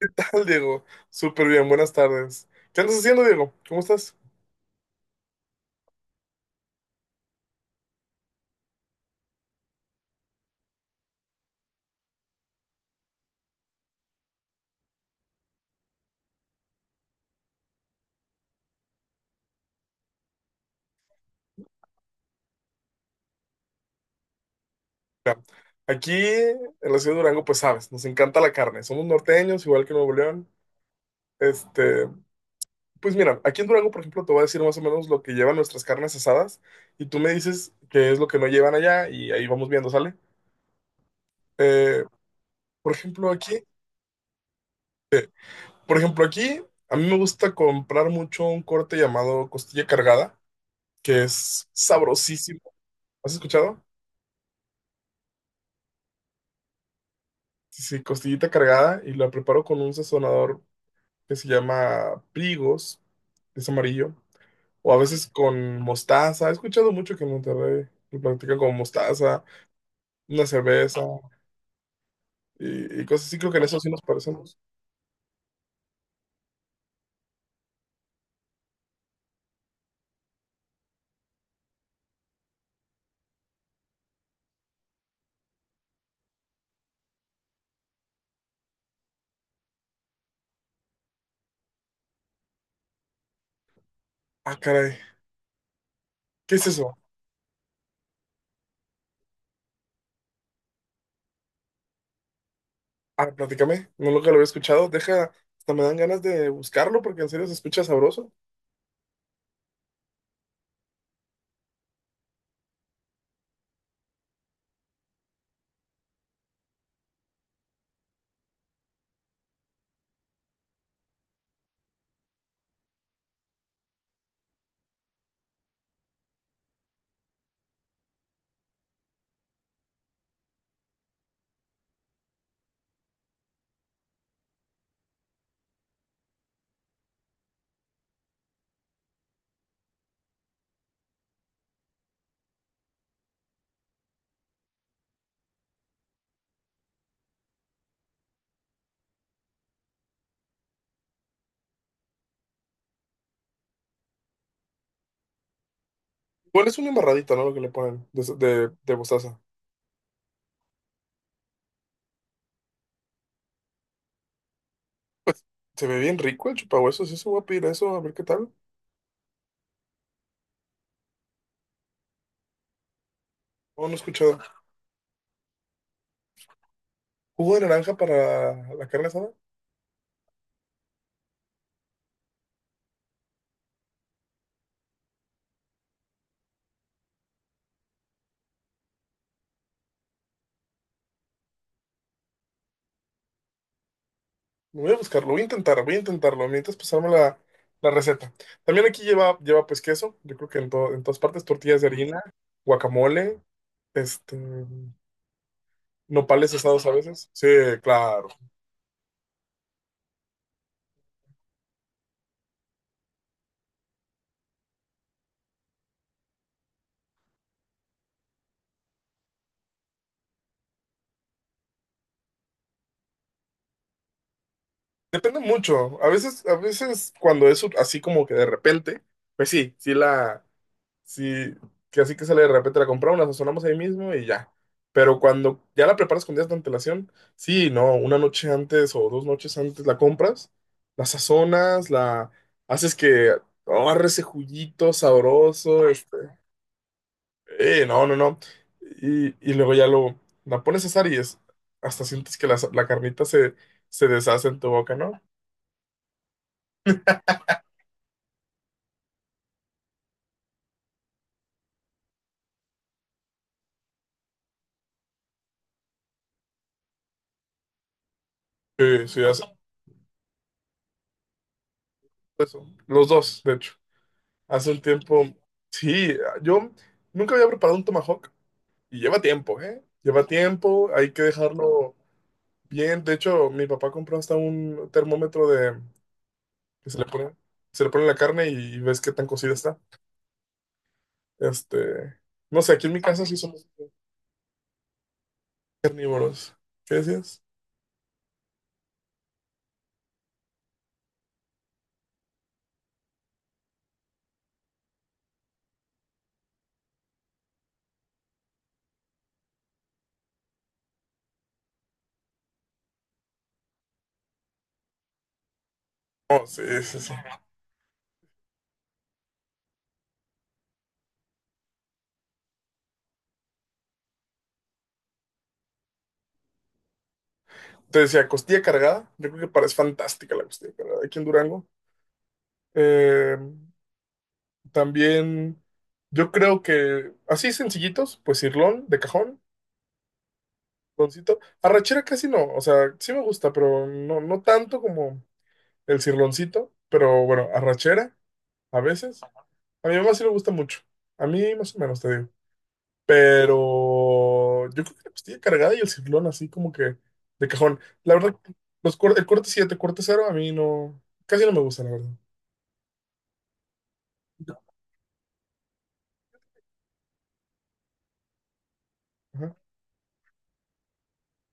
¿Qué tal, Diego? Súper bien, buenas tardes. ¿Qué andas haciendo, Diego? ¿Cómo estás? Mira, aquí en la ciudad de Durango, pues sabes, nos encanta la carne. Somos norteños, igual que Nuevo León. Este, pues mira, aquí en Durango, por ejemplo, te voy a decir más o menos lo que llevan nuestras carnes asadas y tú me dices qué es lo que no llevan allá y ahí vamos viendo, ¿sale? Eh, por ejemplo, aquí Por ejemplo, aquí a mí me gusta comprar mucho un corte llamado costilla cargada, que es sabrosísimo. ¿Has escuchado? Sí, sí, costillita cargada y la preparo con un sazonador que se llama Prigos, es amarillo, o a veces con mostaza. He escuchado mucho que en Monterrey lo practican con mostaza, una cerveza y cosas así. Creo que en eso sí nos parecemos. Ah, caray, ¿qué es eso? Ah, platícame, no lo que lo había escuchado. Deja, hasta me dan ganas de buscarlo porque en serio se escucha sabroso. Igual es una embarradita, ¿no? Lo que le ponen de mostaza. Pues se ve bien rico el chupahuesos. Sí, se voy a pedir eso, a ver qué tal. No, no he escuchado. ¿Jugo de naranja para la carne asada? Voy a buscarlo, voy a intentar, voy a intentarlo. Mientras pasarme la receta. También aquí lleva pues queso. Yo creo que en todas partes tortillas de harina, guacamole, este, nopales asados a veces. Sí, claro. Depende mucho. A veces cuando es así como que de repente, pues sí, sí la. Sí, que así que sale de repente, la compramos, la sazonamos ahí mismo y ya. Pero cuando ya la preparas con días de antelación, sí, no, una noche antes o 2 noches antes la compras, la sazonas, la haces que agarre ese juguito sabroso, no, no, no. Y luego ya la pones a asar y es, hasta sientes que la carnita se deshace en tu boca, ¿no? Sí, sí, hace eso. Los dos, de hecho. Hace un tiempo, sí, yo nunca había preparado un tomahawk. Y lleva tiempo, ¿eh? Lleva tiempo, hay que dejarlo bien. De hecho, mi papá compró hasta un termómetro de que se le pone en la carne y ves qué tan cocida está. Este, no sé, aquí en mi casa sí somos carnívoros. ¿Qué decías? No, sí, sí, sí. Te decía, costilla cargada. Yo creo que parece fantástica la costilla cargada aquí en Durango. Eh, También, yo creo que así sencillitos, pues sirlón de cajón. Cirloncito. Arrachera casi no, o sea, sí me gusta, pero no, no tanto como el cirloncito, pero bueno, arrachera a veces. A mi mamá sí le gusta mucho, a mí más o menos, te digo. Pero yo creo que la costilla cargada y el cirlón así como que de cajón. La verdad, el corte 7 corte cero a mí no, casi no me gusta, la verdad. Ajá.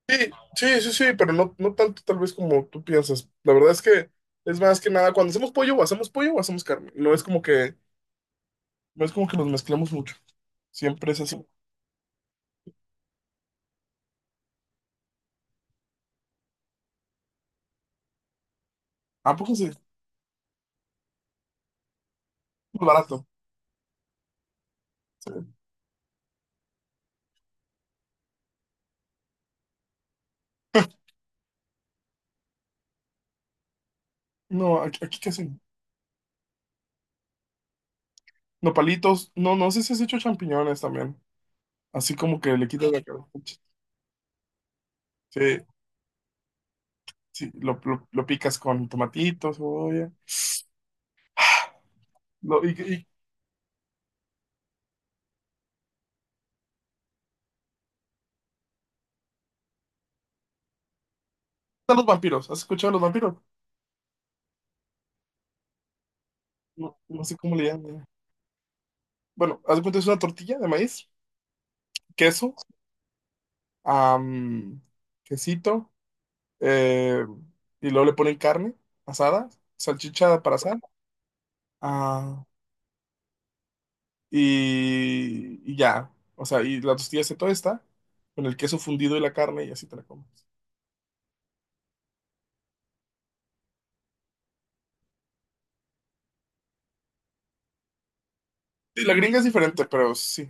Sí, sí, sí, sí, pero no, no tanto tal vez como tú piensas. La verdad es que es más que nada, cuando hacemos pollo o hacemos pollo o hacemos carne. No es como que los mezclamos mucho. Siempre es así. ¿A poco sí? Muy barato. Sí. No, aquí casi no. Nopalitos. No, no sé si has hecho champiñones también. Así como que le quitas la cabeza. Sí, sí, lo picas con tomatitos, cebolla. Lo- y, y- ¿Qué tal los vampiros? ¿Has escuchado de los vampiros? No, no sé cómo le llaman. Bueno, haz de cuenta, es una tortilla de maíz, queso, am, quesito, eh, y luego le ponen carne asada, salchicha para asar. Ah, y ya. O sea, y la tortilla se está con el queso fundido y la carne y así te la comes. Sí, la gringa es diferente, pero sí.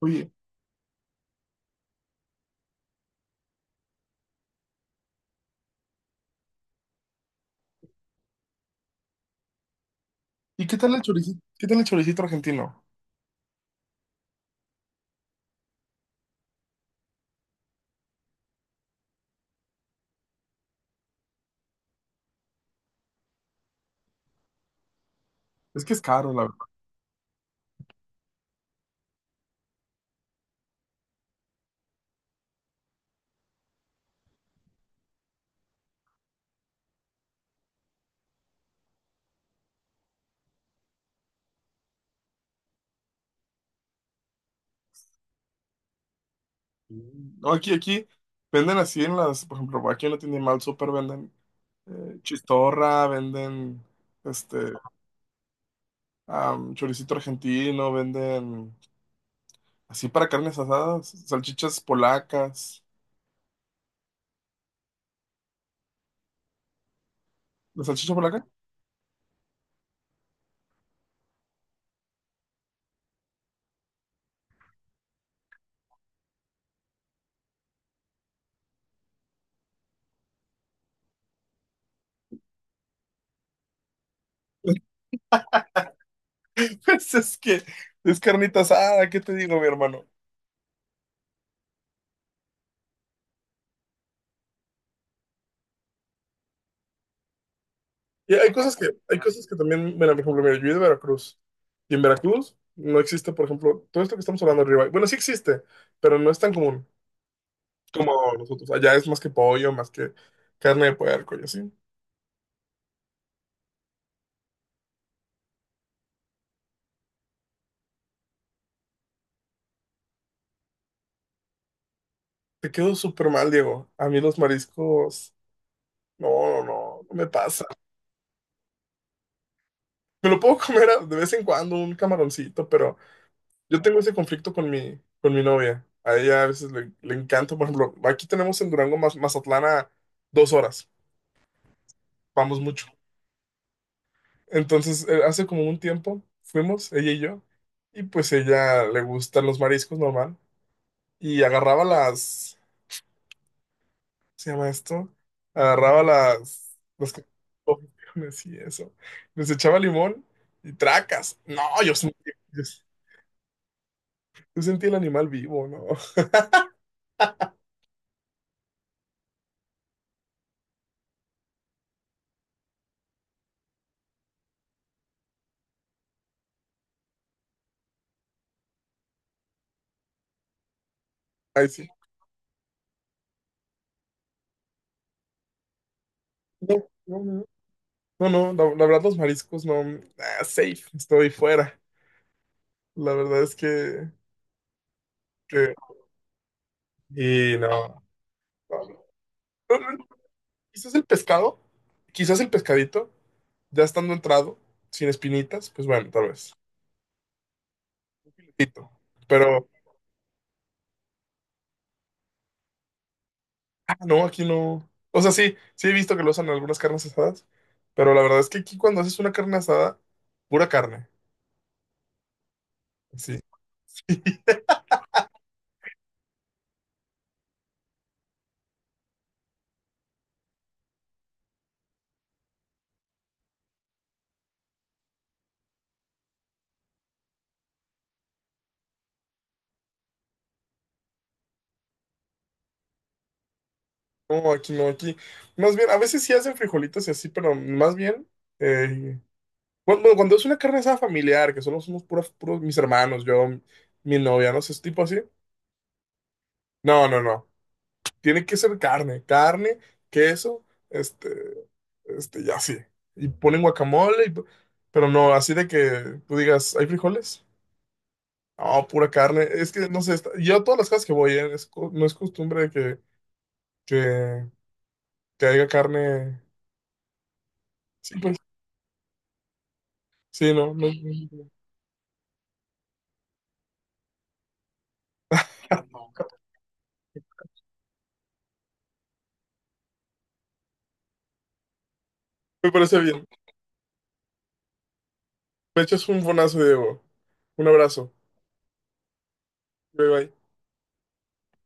Oye, ¿y qué tal el choricito? ¿Qué tal el choricito argentino? Es que es caro, la verdad. No, aquí venden así en las, por ejemplo, aquí en la tienda mal súper venden chistorra, venden este choricito argentino, venden así para carnes asadas, salchichas polacas. ¿La salchicha polaca? Pues es que es carnita asada, ¿qué te digo, mi hermano? Y hay cosas que también, mira, por ejemplo, mira, yo soy de Veracruz. Y en Veracruz no existe, por ejemplo, todo esto que estamos hablando arriba. Bueno, sí existe, pero no es tan común como nosotros. Allá es más que pollo, más que carne de puerco y así. Te quedo súper mal, Diego. A mí los mariscos, no, no, no, no me pasa. Me lo puedo comer de vez en cuando un camaroncito, pero yo tengo ese conflicto con mi novia. A ella a veces le encanta, por ejemplo, aquí tenemos en Durango, Mazatlán, a 2 horas, vamos mucho. Entonces, hace como un tiempo fuimos, ella y yo, y pues ella le gustan los mariscos normal, y agarraba las, ¿cómo se llama esto? Agarraba las camarones y eso, les echaba limón y tracas. No, yo sentí el animal vivo, ¿no? Ay, sí. No, no, no. No, no, la verdad los mariscos no, safe, estoy fuera. La verdad es que, que- y no, no, no, no, no. Quizás el pescado, quizás el pescadito, ya estando entrado, sin espinitas, pues bueno, tal vez, poquito. Pero, no, aquí no. O sea, sí, sí he visto que lo usan en algunas carnes asadas, pero la verdad es que aquí cuando haces una carne asada, pura carne, sí. No, aquí no, aquí. Más bien, a veces sí hacen frijolitos y así, pero más bien, eh, cuando, bueno, cuando es una carne asada familiar, que solo somos puros, puros mis hermanos, yo, mi novia, no sé, es tipo así. No, no, no. Tiene que ser carne, carne, queso, este, ya sí. Y ponen guacamole, y pero no, así de que tú digas, ¿hay frijoles? No, pura carne. Es que, no sé, yo a todas las casas que voy, no es costumbre de que, que haya carne. Sí, pues, sí, no, no, no, no. Me parece bien. Me echas un bonazo, Diego. Un abrazo. Bye, bye.